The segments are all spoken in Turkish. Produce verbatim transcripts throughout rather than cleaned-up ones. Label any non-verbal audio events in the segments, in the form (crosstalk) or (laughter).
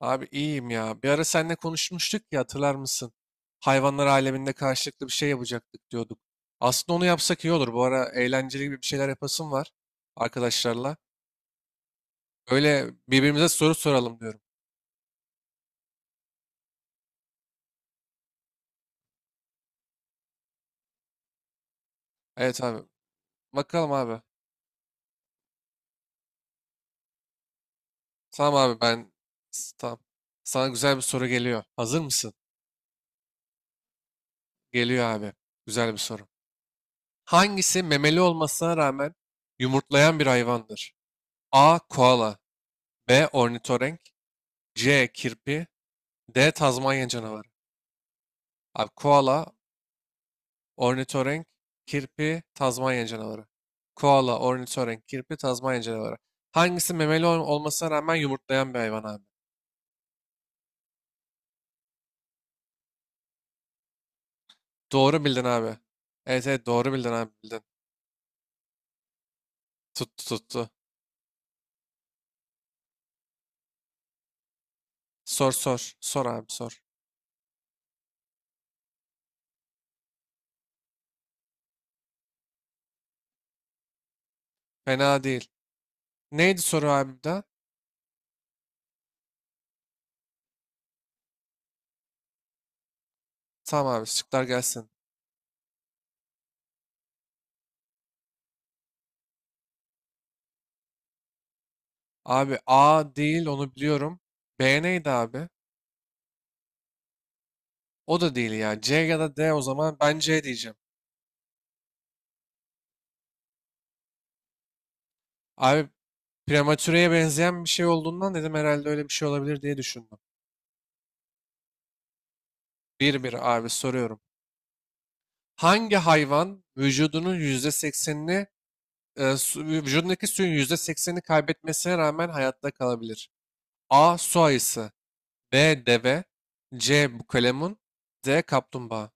Abi iyiyim ya. Bir ara seninle konuşmuştuk ya, hatırlar mısın? Hayvanlar aleminde karşılıklı bir şey yapacaktık diyorduk. Aslında onu yapsak iyi olur. Bu ara eğlenceli gibi bir şeyler yapasım var arkadaşlarla. Öyle birbirimize soru soralım diyorum. Evet abi. Bakalım abi. Tamam abi, ben tamam. Sana güzel bir soru geliyor. Hazır mısın? Geliyor abi. Güzel bir soru. Hangisi memeli olmasına rağmen yumurtlayan bir hayvandır? A. Koala, B. Ornitorenk, C. Kirpi, D. Tazmanya canavarı. Abi koala, ornitorenk, kirpi, Tazmanya canavarı. Koala, ornitorenk, kirpi, Tazmanya canavarı. Hangisi memeli ol- olmasına rağmen yumurtlayan bir hayvan abi? Doğru bildin abi. Evet, evet, doğru bildin abi, bildin. Tuttu tuttu. Sor sor. Sor abi sor. Fena değil. Neydi soru abi de? Tamam abi, şıklar gelsin. Abi A değil, onu biliyorum. B neydi abi? O da değil ya. C ya da D, o zaman ben C diyeceğim. Abi prematüreye benzeyen bir şey olduğundan dedim, herhalde öyle bir şey olabilir diye düşündüm. Bir bir abi soruyorum. Hangi hayvan vücudunun yüzde seksenini e, su- vücudundaki suyun yüzde seksenini kaybetmesine rağmen hayatta kalabilir? A. Su ayısı. B. Deve. C. Bukalemun. D. Kaplumbağa.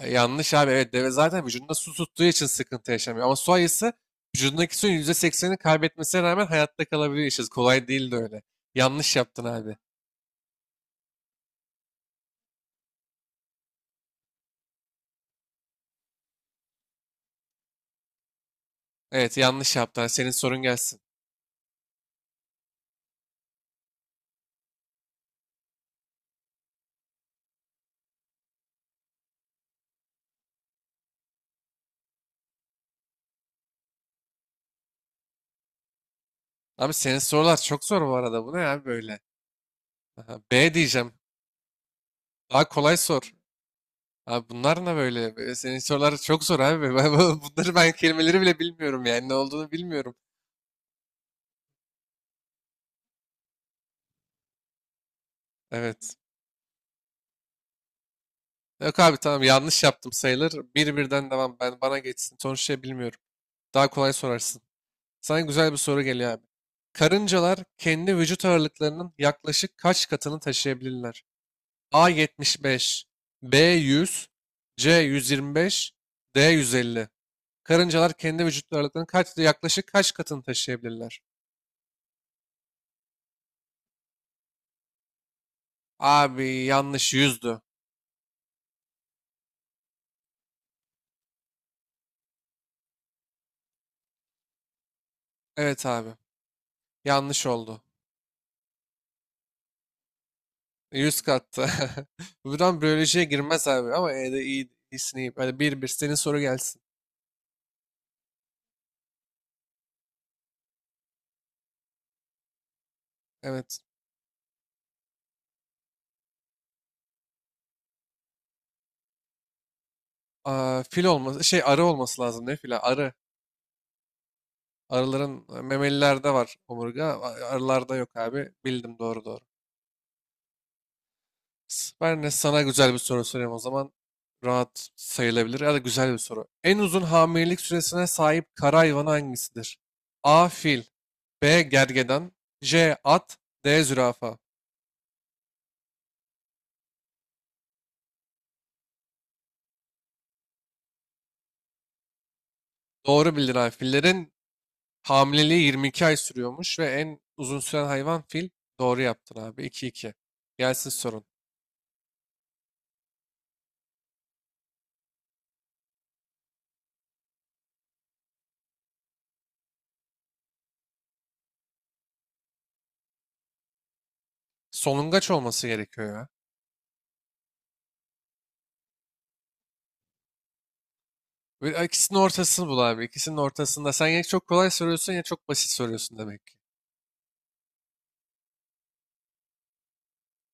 E, yanlış abi, evet, deve zaten vücudunda su tuttuğu için sıkıntı yaşamıyor. Ama su ayısı vücudundaki suyun yüzde seksenini kaybetmesine rağmen hayatta kalabiliyor. İşte kolay değil de öyle. Yanlış yaptın abi. Evet, yanlış yaptın. Hadi senin sorun gelsin. Abi, senin sorular çok zor bu arada. Bu ne abi böyle? Aha, B diyeceğim. Daha kolay sor. Abi bunlar ne böyle? Be- Senin sorular çok zor abi. (laughs) Ben- bu- Bunları, ben kelimeleri bile bilmiyorum yani. Ne olduğunu bilmiyorum. Evet. Yok abi, tamam, yanlış yaptım sayılır. Bir birden devam. Ben, bana geçsin. Sonuçta bilmiyorum. Daha kolay sorarsın. Sana güzel bir soru geliyor abi. Karıncalar kendi vücut ağırlıklarının yaklaşık kaç katını taşıyabilirler? A yetmiş beş, B yüz, C yüz yirmi beş, D yüz elli. Karıncalar kendi vücut ağırlıklarının kaç, yaklaşık kaç katını taşıyabilirler? Abi yanlış, yüzdü. Evet abi, yanlış oldu. yüz kattı. (laughs) Buradan biyolojiye girmez abi ama E'de iyi, iyisini iyi. Hadi bir bir senin soru gelsin. Evet. Aa, fil olması şey, arı olması lazım, ne fila, arı. Arıların, memelilerde var omurga. a- Arılarda yok abi. Bildim, doğru doğru. Ben de sana güzel bir soru sorayım o zaman. Rahat sayılabilir ya da güzel bir soru. En uzun hamilelik süresine sahip kara hayvanı hangisidir? A. Fil, B. Gergedan, C. At, D. Zürafa. Doğru bildin abi. Fillerin hamileliği yirmi iki ay sürüyormuş ve en uzun süren hayvan fil. Doğru yaptın abi. iki iki. Gelsin sorun. Solungaç olması gerekiyor ya. Böyle ikisinin ortasını bul abi. İkisinin ortasında. Sen ya çok kolay soruyorsun ya çok basit soruyorsun demek.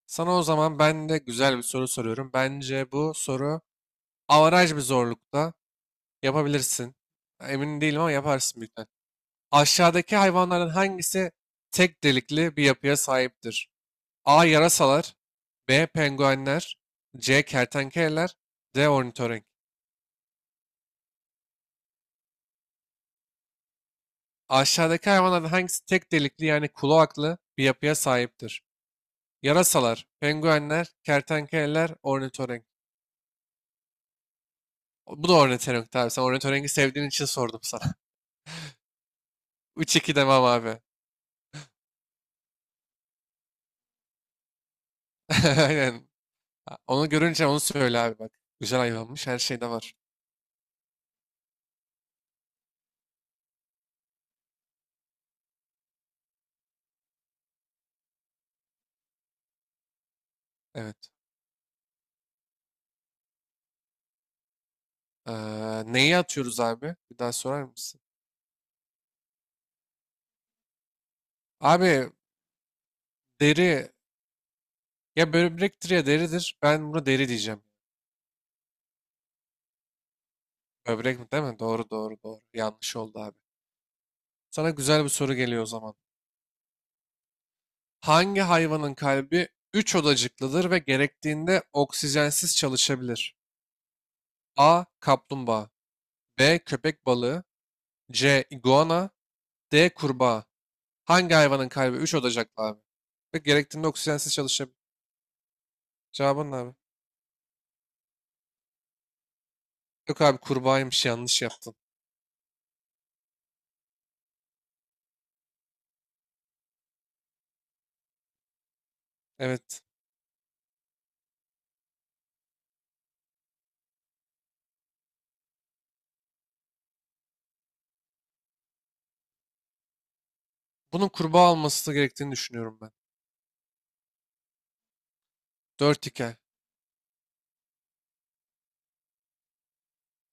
Sana o zaman ben de güzel bir soru soruyorum. Bence bu soru avaraj bir zorlukta, yapabilirsin. Emin değilim ama yaparsın büyük ihtimal. Aşağıdaki hayvanların hangisi tek delikli bir yapıya sahiptir? A. Yarasalar, B. Penguenler, C. Kertenkeleler, D. Ornitorenk. Aşağıdaki hayvanların hangisi tek delikli, yani kloaklı bir yapıya sahiptir? Yarasalar, penguenler, kertenkeleler, ornitorenk. Bu da ornitorenk tabii. Sen ornitorenki sevdiğin için sordum sana. (laughs) Üç iki demem abi. (laughs) Aynen. Onu görünce onu söyle abi bak. Güzel ayılanmış, her şeyde var. Evet. Ee, neyi atıyoruz abi? Bir daha sorar mısın? Abi deri, ya böbrektir ya deridir. Ben buna deri diyeceğim. Böbrek mi değil mi? Doğru doğru doğru. Yanlış oldu abi. Sana güzel bir soru geliyor o zaman. Hangi hayvanın kalbi üç odacıklıdır ve gerektiğinde oksijensiz çalışabilir? A. Kaplumbağa, B. Köpek balığı, C. iguana D. Kurbağa. Hangi hayvanın kalbi üç odacıklı abi? Ve gerektiğinde oksijensiz çalışabilir. Cevabın ne abi? Yok abi, kurbağaymış, yanlış yaptın. Evet. Bunun kurbağa olması gerektiğini düşünüyorum ben. Dört hikaye.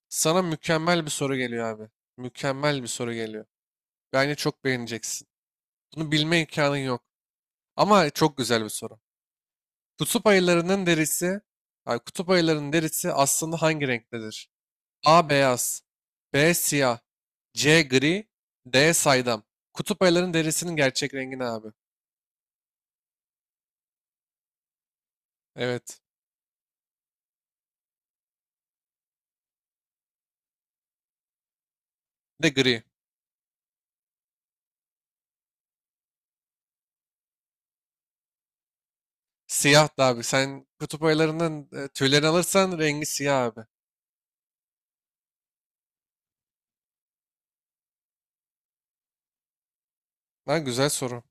Sana mükemmel bir soru geliyor abi. Mükemmel bir soru geliyor. Bence çok beğeneceksin. Bunu bilme imkanın yok. Ama çok güzel bir soru. Kutup ayılarının derisi, ay, kutup ayılarının derisi aslında hangi renktedir? A beyaz, B siyah, C gri, D saydam. Kutup ayılarının derisinin gerçek rengi ne abi? Evet. Bir de gri. Siyahtı abi. Sen kutup ayılarının e, tüylerini alırsan rengi siyah abi. Lan güzel soru.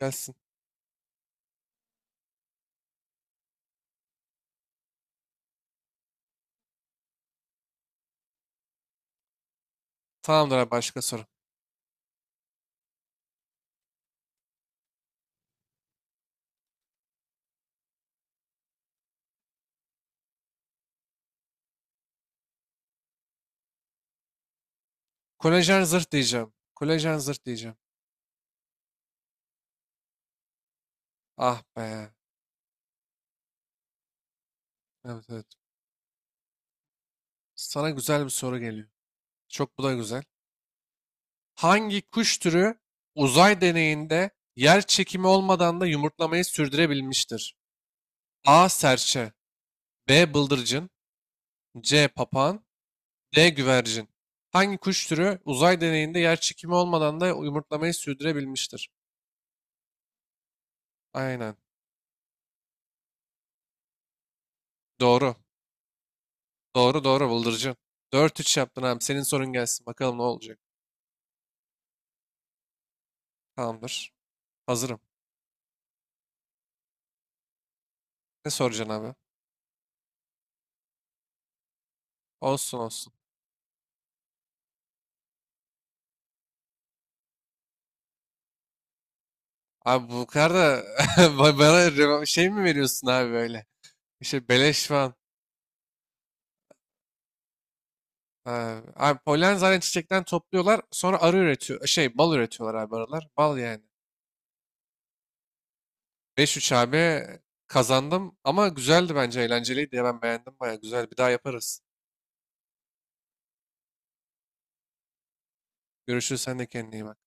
Gelsin. Tamamdır abi, başka soru. Kolajen zırh diyeceğim. Kolajen zırh diyeceğim. Ah be. Evet evet. Sana güzel bir soru geliyor. Çok, bu da güzel. Hangi kuş türü uzay deneyinde yer çekimi olmadan da yumurtlamayı sürdürebilmiştir? A. Serçe. B. Bıldırcın. C. Papağan. D. Güvercin. Hangi kuş türü uzay deneyinde yer çekimi olmadan da yumurtlamayı sürdürebilmiştir? Aynen. Doğru. Doğru doğru, bıldırcın. Dört üç yaptın abi. Senin sorun gelsin. Bakalım ne olacak. Tamamdır. Hazırım. Ne soracaksın abi? Olsun olsun. Abi bu kadar da (laughs) ba- bana reva- şey mi veriyorsun abi böyle? İşte beleş falan. Abi, abi, polen zaten çiçekten topluyorlar. Sonra arı üretiyor. Şey, bal üretiyorlar abi arılar. Bal yani. Beş üç abi, kazandım. Ama güzeldi bence. Eğlenceliydi ya. Ben beğendim, baya güzel. Bir daha yaparız. Görüşürüz. Sen de kendine iyi bak.